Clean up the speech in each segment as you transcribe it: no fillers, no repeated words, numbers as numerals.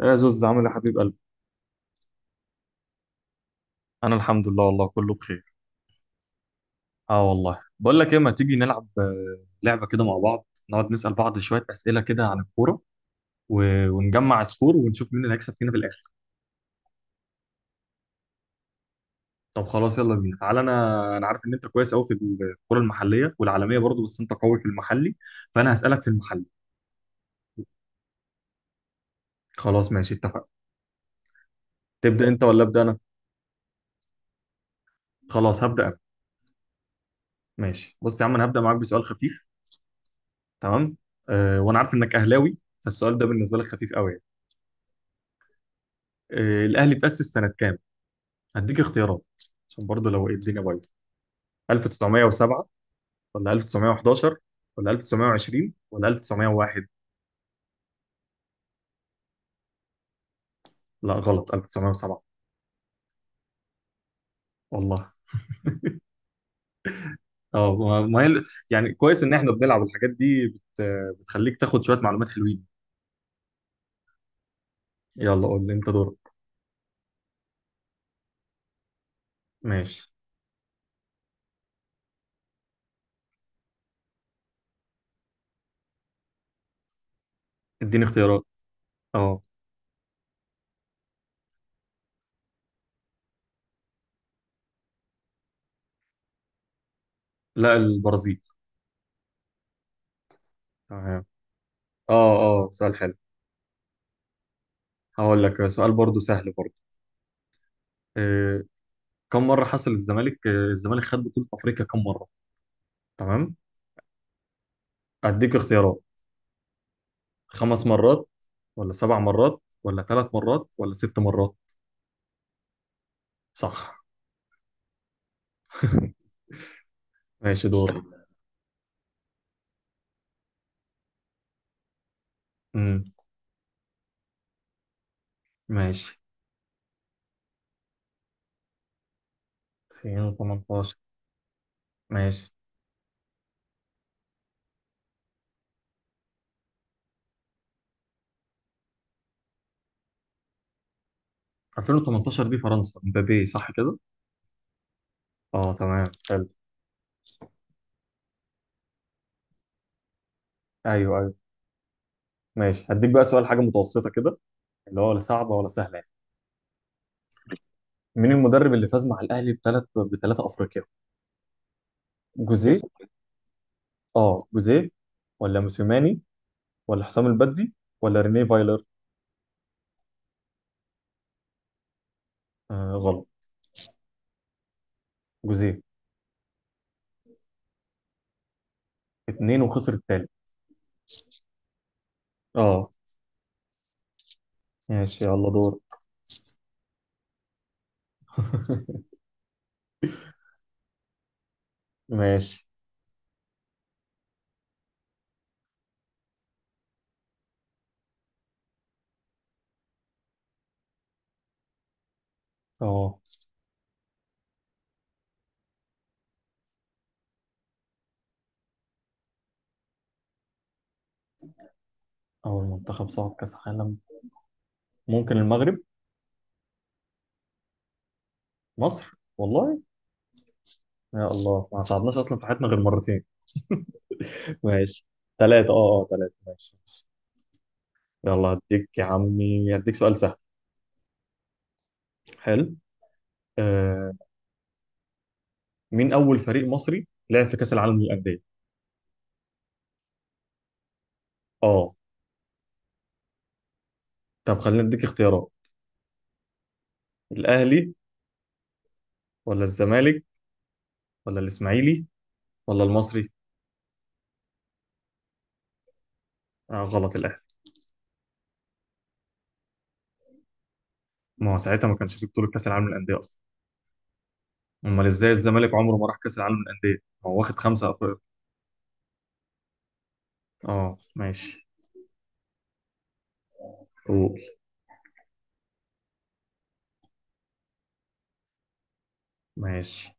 يا زوز عامل يا حبيب قلبي. انا الحمد لله والله كله بخير. اه والله، بقول لك ايه، ما تيجي نلعب لعبه كده مع بعض، نقعد نسال بعض شويه اسئله كده عن الكوره و... ونجمع سكور ونشوف مين اللي هيكسب فينا في الاخر. طب خلاص يلا بينا، تعالى. انا عارف ان انت كويس قوي في الكوره المحليه والعالميه برضو، بس انت قوي في المحلي، فانا هسالك في المحلي. خلاص ماشي، اتفقنا. تبدا انت ولا ابدا انا؟ خلاص، هبدا انا. ماشي، بص يا عم، انا هبدا معاك بسؤال خفيف. تمام. أه، وانا عارف انك اهلاوي، فالسؤال ده بالنسبه لك خفيف قوي يعني. أه، الاهلي اتاسس سنه كام؟ هديك اختيارات عشان برضه لو ايه الدنيا بايظه. 1907 ولا 1911 ولا 1920 ولا 1901؟ لا غلط، 1907. والله. اه ما ما هي ال- يعني كويس ان احنا بنلعب الحاجات دي بتخليك تاخد شويه معلومات حلوين. يلا قول لي، انت دورك. ماشي، اديني اختيارات. اه، لا البرازيل. تمام. اه اه، سؤال حلو. هقول لك سؤال برضه سهل برضه. آه، كم مره حصل الزمالك الزمالك خد بطوله افريقيا كم مره؟ تمام، اديك اختيارات. خمس مرات ولا سبع مرات ولا ثلاث مرات ولا ست مرات؟ صح. ماشي دور، استنى. امم ماشي. 2018. ماشي، 2018 دي فرنسا، مبابي، صح كده. اه تمام حلو. ايوه ايوه. ماشي، هديك بقى سؤال حاجه متوسطه كده، اللي هو لا صعبه ولا سهله يعني. مين المدرب اللي فاز مع الاهلي بثلاثه افريقيا؟ جوزيه. اه جوزيه، ولا موسيماني ولا حسام البدري ولا رينيه فايلر؟ آه غلط، جوزيه. اتنين، وخسر التالت. اه ماشي يلا دور. ماشي. اه. اول منتخب صعد كاس عالم، ممكن المغرب. مصر؟ والله. يا الله، ما صعدناش اصلا في حياتنا غير مرتين. ماشي، ثلاثة، اه اه ثلاثة، ماشي ماشي. يلا هديك يا عمي، هديك سؤال سهل. حلو. آه، مين اول فريق مصري لعب في كاس العالم للاندية؟ اه، طب خلينا نديك اختيارات. الاهلي ولا الزمالك ولا الاسماعيلي ولا المصري؟ آه غلط، الاهلي. ما هو ساعتها ما كانش في بطولة كاس العالم للاندية اصلا. امال ازاي الزمالك عمره ما راح كاس العالم للاندية، ما هو واخد خمسة. اه ماشي. قول. ماشي.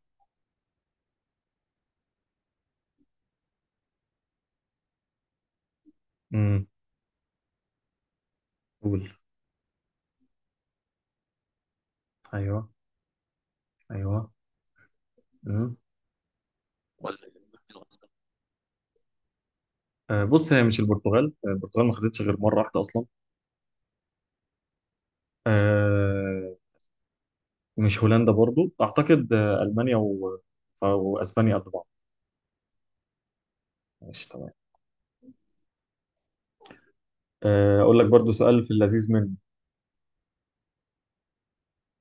امم قول. ايوه ايوه. امم ولا مين أصلا؟ آه بص، هي مش البرتغال، البرتغال ما خدتش غير مره واحده اصلا. آه، مش هولندا برضو اعتقد، آه المانيا واسبانيا قد بعض. ماشي تمام. آه، اقول لك برضو سؤال في اللذيذ منه.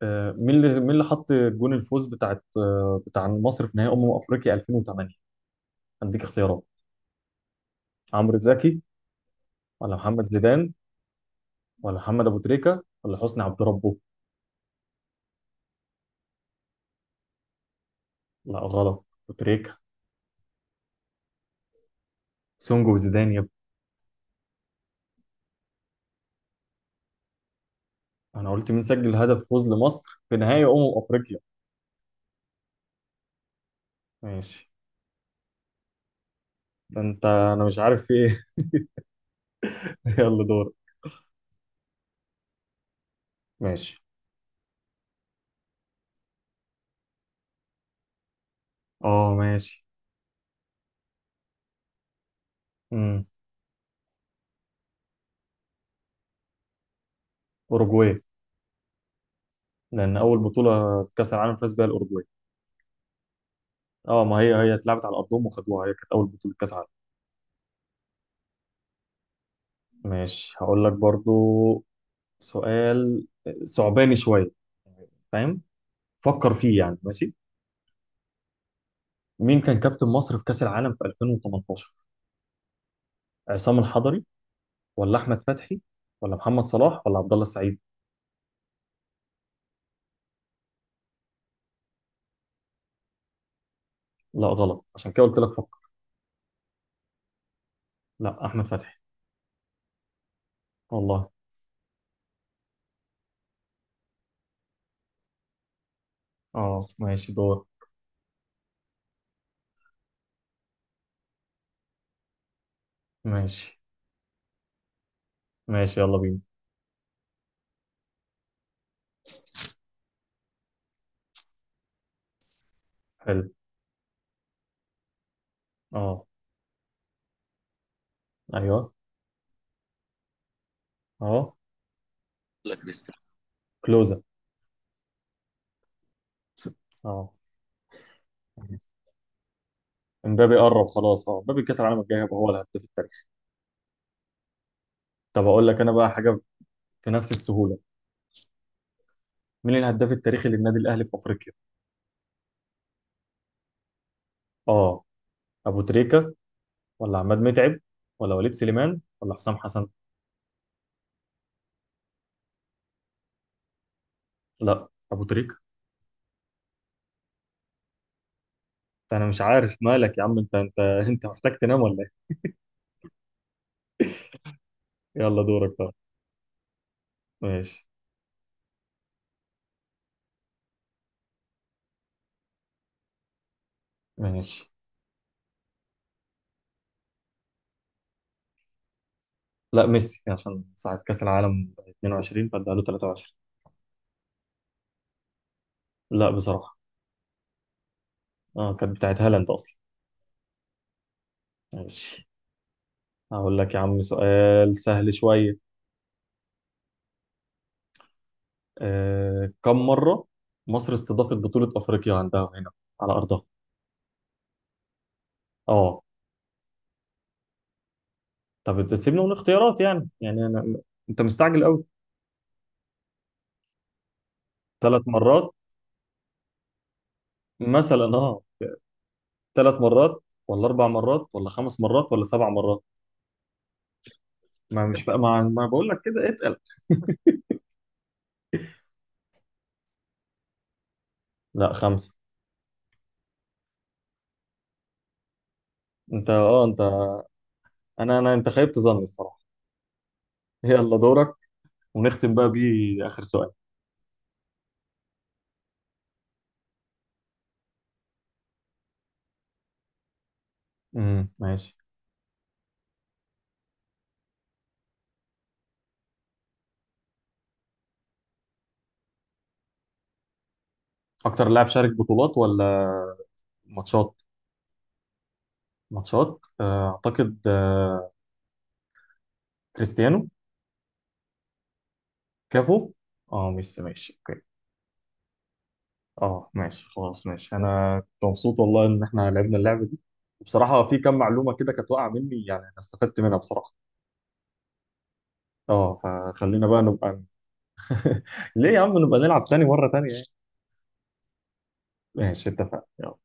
آه، مين اللي حط جون الفوز بتاعت آه، بتاع مصر في نهائي افريقيا 2008؟ هديك اختيارات. عمرو زكي ولا محمد زيدان ولا محمد ابو تريكه ولا حسني عبد ربه؟ لا غلط، بتريكا. سونجو وزيدان يا ابني. انا قلت مين سجل هدف فوز لمصر في نهائي افريقيا. ماشي. ده انت، انا مش عارف في ايه. يلا دور. ماشي. اه ماشي. امم اوروجواي. لان اول بطوله كاس العالم فاز بيها الاوروجواي. اه، ما هي هي اتلعبت على ارضهم وخدوها، هي كانت اول بطوله كاس عالم. ماشي. هقول لك برضو سؤال صعباني شويه، فاهم؟ فكر فيه يعني. ماشي. مين كان كابتن مصر في كاس العالم في 2018؟ عصام الحضري ولا احمد فتحي ولا محمد صلاح ولا عبد الله السعيد؟ لا غلط، عشان كده قلت لك فكر. لا، احمد فتحي. والله. اه ماشي دور. ماشي ماشي يلا بينا. حلو. اه. ايوه. اه. لا كريستيانو، كلوزا. اه. امبابي قرب خلاص، اه امبابي كاس العالم الجاي هيبقى هو الهداف التاريخي. طب اقول لك انا بقى حاجه في نفس السهوله. مين الهداف التاريخي للنادي الاهلي في افريقيا؟ اه، ابو تريكه ولا عماد متعب ولا وليد سليمان ولا حسام حسن؟ لا، ابو تريكه. انا مش عارف مالك يا عم، انت انت محتاج تنام ولا ايه؟ يلا دورك طب. ماشي. ماشي. لا ميسي، عشان ساعة كأس العالم 22 فادها له 23. لا بصراحة، اه كانت بتاعت هالاند اصلا. ماشي. هقول لك يا عم سؤال سهل شوية. آه، كم مرة مصر استضافت بطولة افريقيا عندها هنا على ارضها؟ اه، طب تسيبنا من اختيارات يعني، يعني انا. انت مستعجل قوي. ثلاث مرات مثلا، اه، ثلاث مرات ولا اربع مرات ولا خمس مرات ولا سبع مرات؟ ما مش بقى ما, ما بقول لك كده اتقل. لا خمسة. انت اه انت، انا انت خيبت ظني الصراحة. يلا دورك، ونختم بقى بيه اخر سؤال. ماشي. اكتر لاعب شارك بطولات ولا ماتشات؟ ماتشات اعتقد كريستيانو. كافو. اه ميسي، ماشي اوكي. اه ماشي خلاص، ماشي، انا كنت مبسوط والله ان احنا لعبنا اللعبة دي. بصراحة في كم معلومة كده كانت واقعة مني يعني، انا استفدت منها بصراحة. اه فخلينا بقى نبقى، ليه يا عم نبقى نلعب تاني، مرة تانية يعني. ماشي اتفقنا.